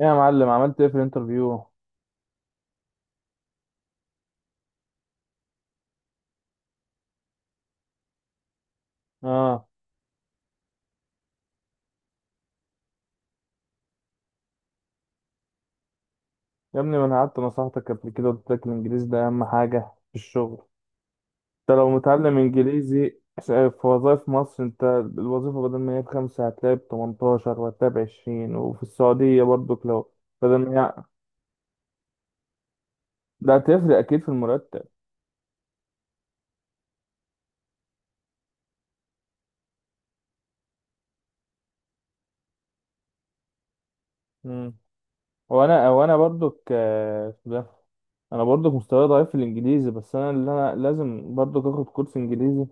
إيه يا معلم، عملت ايه في الانترفيو؟ اه يا ابني، ما انا قعدت نصحتك قبل كده، قلت لك الانجليزي ده اهم حاجه في الشغل. انت لو متعلم انجليزي في وظائف مصر، انت الوظيفه بدل ما هي بخمسه هتلاقي ب 18، وهتلاقي ب 20، وفي السعوديه برضك لو بدل ما هي، ده هتفرق اكيد في المرتب. امم وانا برضك، اسمه ده، انا برضك مستواي ضعيف في الانجليزي، بس انا اللي انا لازم برضك اخد كورس انجليزي.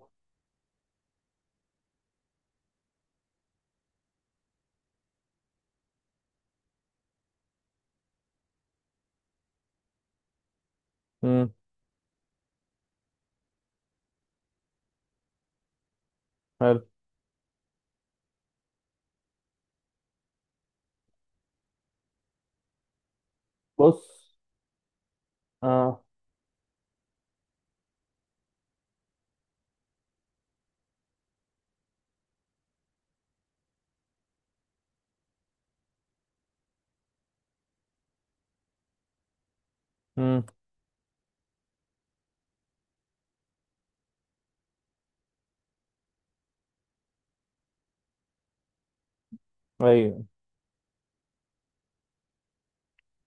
امم حلو. بص. اه. امم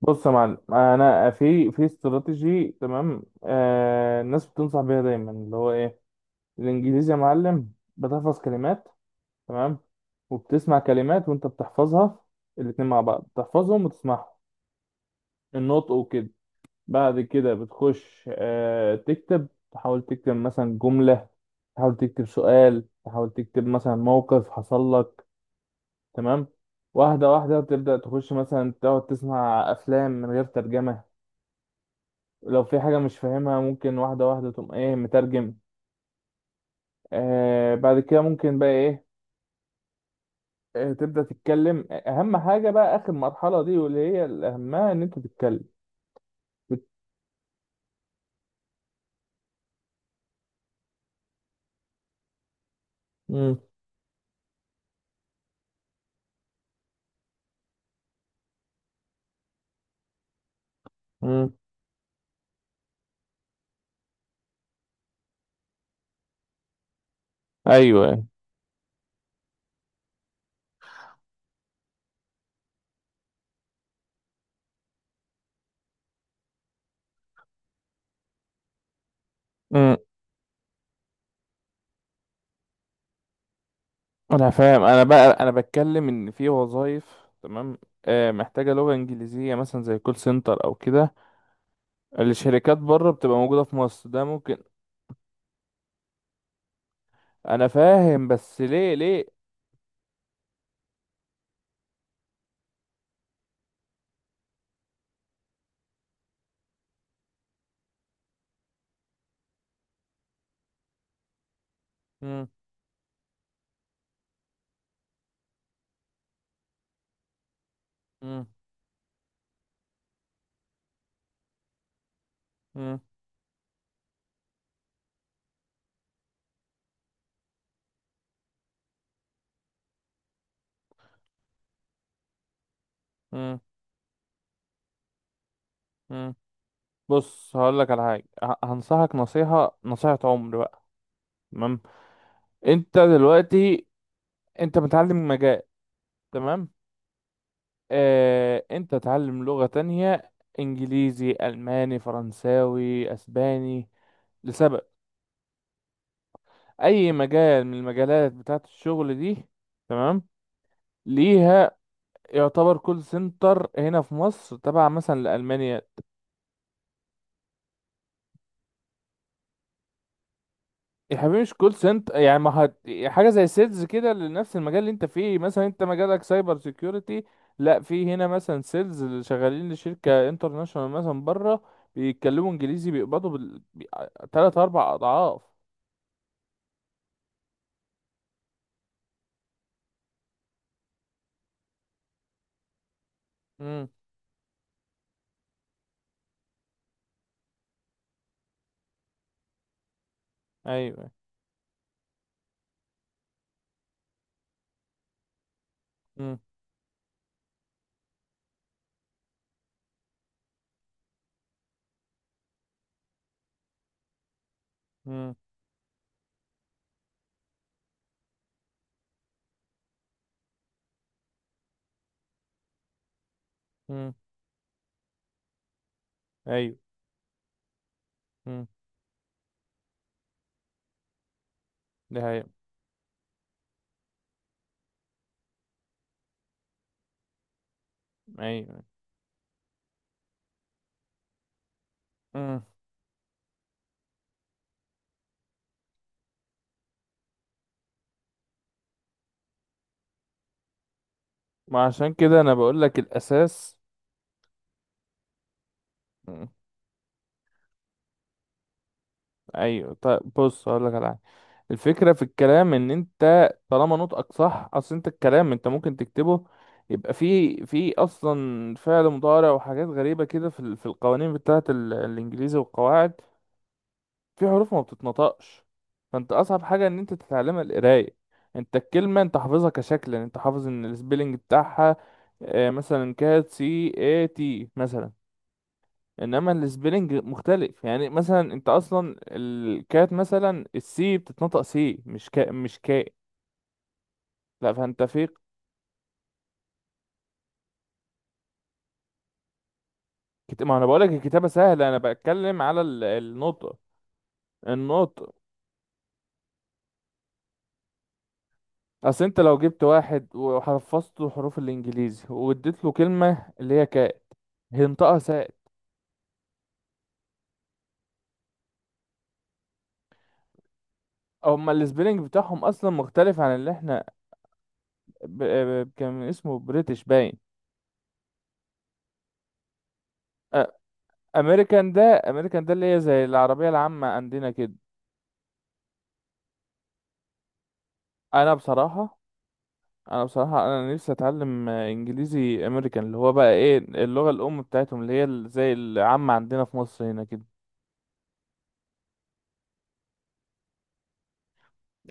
بص يا معلم، انا في استراتيجي تمام، آه، الناس بتنصح بيها دايما، اللي هو ايه؟ الانجليزي يا معلم بتحفظ كلمات، تمام، وبتسمع كلمات وانت بتحفظها، الاتنين مع بعض بتحفظهم وتسمعهم، النطق وكده. بعد كده بتخش تكتب، تحاول تكتب مثلا جملة، تحاول تكتب سؤال، تحاول تكتب مثلا موقف حصل لك، تمام. واحدة واحدة تبدأ تخش مثلا تقعد تسمع أفلام من غير ترجمة، لو في حاجة مش فاهمها ممكن واحدة واحدة تقوم ايه مترجم. بعد كده ممكن بقى ايه، تبدأ تتكلم. أهم حاجة بقى آخر مرحلة دي، واللي هي الأهمها، إن أنت تتكلم. بت... مم. مم. أيوه. مم. أنا فاهم، أنا بقى أنا بتكلم إن في وظايف، تمام، محتاجة لغة إنجليزية مثلا زي كول سنتر أو كده، الشركات بره بتبقى موجودة في مصر، ده ممكن. أنا فاهم، بس ليه ليه. مم. مم. مم. مم. بص هقول لك على حاجه. هنصحك نصيحه، نصيحه عمر بقى، تمام. انت دلوقتي انت متعلم مجال، تمام، آه، انت تعلم لغه تانية، انجليزي، الماني، فرنساوي، اسباني، لسبب. اي مجال من المجالات بتاعه الشغل دي، تمام، ليها. يعتبر كول سنتر هنا في مصر تبع مثلا لالمانيا. يا حبيبي مش كول سنتر يعني، ما هت... حاجه زي سيلز كده لنفس المجال اللي انت فيه، مثلا انت مجالك سايبر سيكيورتي، لا في هنا مثلا سيلز اللي شغالين لشركه انترناشونال مثلا بره، بيتكلموا انجليزي، بيقبضوا تلات اربع اضعاف. امم. ايوه. امم. امم. امم. ايوه. امم. ده هي. ايوه. امم. ما عشان كده انا بقول لك الاساس. ايوه طيب بص هقول لك على حاجه. الفكره في الكلام ان انت طالما نطقك صح، اصل انت الكلام انت ممكن تكتبه، يبقى فيه في اصلا فعل مضارع وحاجات غريبه كده في في القوانين بتاعه الانجليزي والقواعد، في حروف ما بتتنطقش. فانت اصعب حاجه ان انت تتعلمها القرايه، انت الكلمه انت حافظها كشكل، يعني انت حافظ ان السبيلنج بتاعها، مثلا كات، سي اي تي مثلا، انما السبيلنج مختلف، يعني مثلا انت اصلا الكات، مثلا السي بتتنطق سي، مش كا، مش كاء. لا فانت في ما انا بقولك الكتابة سهلة، انا بتكلم على النطق. النطق. اصل انت لو جبت واحد وحفظته حروف الانجليزي، واديت له كلمة اللي هي كات، هينطقها سات. هما السبيلنج بتاعهم اصلا مختلف عن اللي احنا، ب... كان اسمه بريتش باين. امريكان ده، امريكان ده اللي هي زي العربية العامة عندنا كده. انا بصراحة، انا بصراحه انا نفسي اتعلم، انجليزي امريكان، اللي هو بقى ايه، اللغه الام بتاعتهم، اللي هي زي العامه عندنا في مصر هنا كده.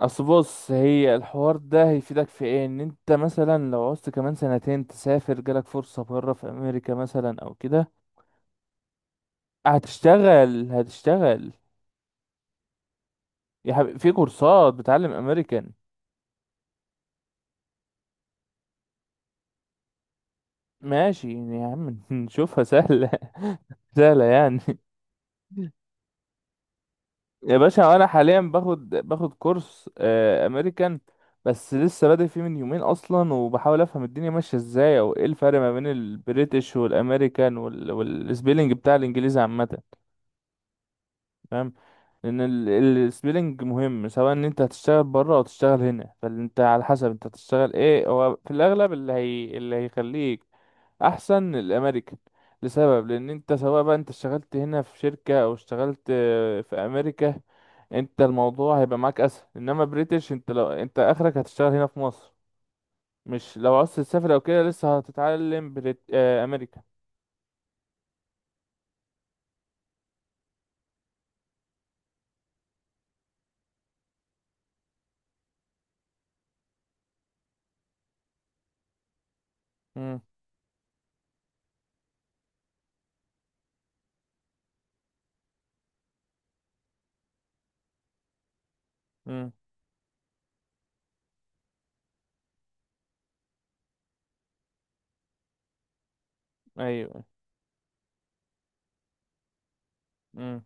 اصل بص، هي الحوار ده هيفيدك في ايه، ان انت مثلا لو عوزت كمان سنتين تسافر، جالك فرصه بره في امريكا مثلا او كده، هتشتغل، هتشتغل. يا حبيبي في كورسات بتعلم امريكان. ماشي يعني يا عم نشوفها سهله سهله يعني. يا باشا انا حاليا باخد كورس، امريكان، بس لسه بادئ فيه من يومين اصلا، وبحاول افهم الدنيا ماشيه ازاي، او ايه الفرق ما بين البريتش والامريكان والسبيلنج بتاع الانجليزي عامه. فاهم، لان السبيلنج مهم، سواء ان انت هتشتغل بره او تشتغل هنا، فانت على حسب انت هتشتغل ايه، هو في الاغلب اللي هي اللي هيخليك احسن الامريكان، لسبب، لان انت سواء بقى انت اشتغلت هنا في شركة، او اشتغلت في امريكا، انت الموضوع هيبقى معاك اسهل. انما بريتش، انت لو انت اخرك هتشتغل هنا في مصر، مش لو عاوز تسافر او كده لسه هتتعلم بريت آه، امريكا. امم. امم. ايوه. امم.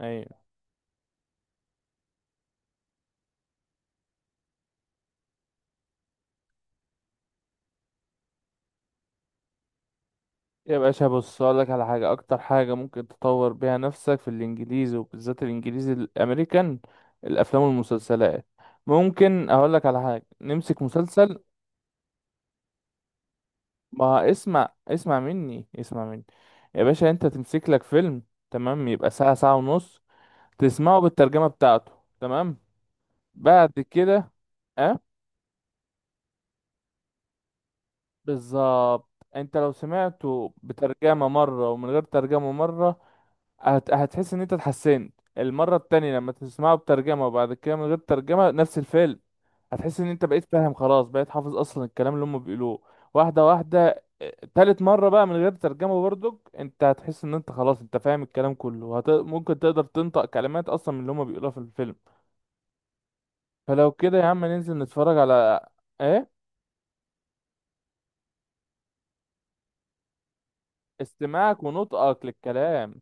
ايوه. يا باشا بص اقول لك على حاجه، اكتر حاجه ممكن تطور بيها نفسك في الانجليزي، وبالذات الانجليزي الامريكان، الافلام والمسلسلات. ممكن اقول لك على حاجه، نمسك مسلسل. ما اسمع اسمع مني، اسمع مني. يا باشا انت تمسك لك فيلم، تمام، يبقى ساعة، ساعة ونص، تسمعه بالترجمة بتاعته، تمام، بعد كده، اه، بالظبط. انت لو سمعته بترجمة مرة ومن غير ترجمة مرة، هتحس ان انت اتحسنت. المرة التانية لما تسمعه بترجمة وبعد كده من غير ترجمة، نفس الفيلم، هتحس ان انت بقيت فاهم خلاص، بقيت حافظ اصلا الكلام اللي هم بيقولوه. واحدة واحدة، اه، تالت مرة بقى من غير ترجمة برضك، انت هتحس ان انت خلاص انت فاهم الكلام كله، ممكن تقدر تنطق كلمات اصلا من اللي هم بيقولوها في الفيلم. فلو كده يا عم ننزل نتفرج على ايه. استماعك ونطقك للكلام.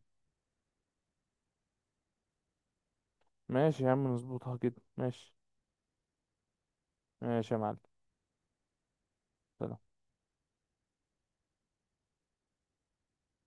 ماشي يا عم، نظبطها كده، ماشي. ماشي يا معلم.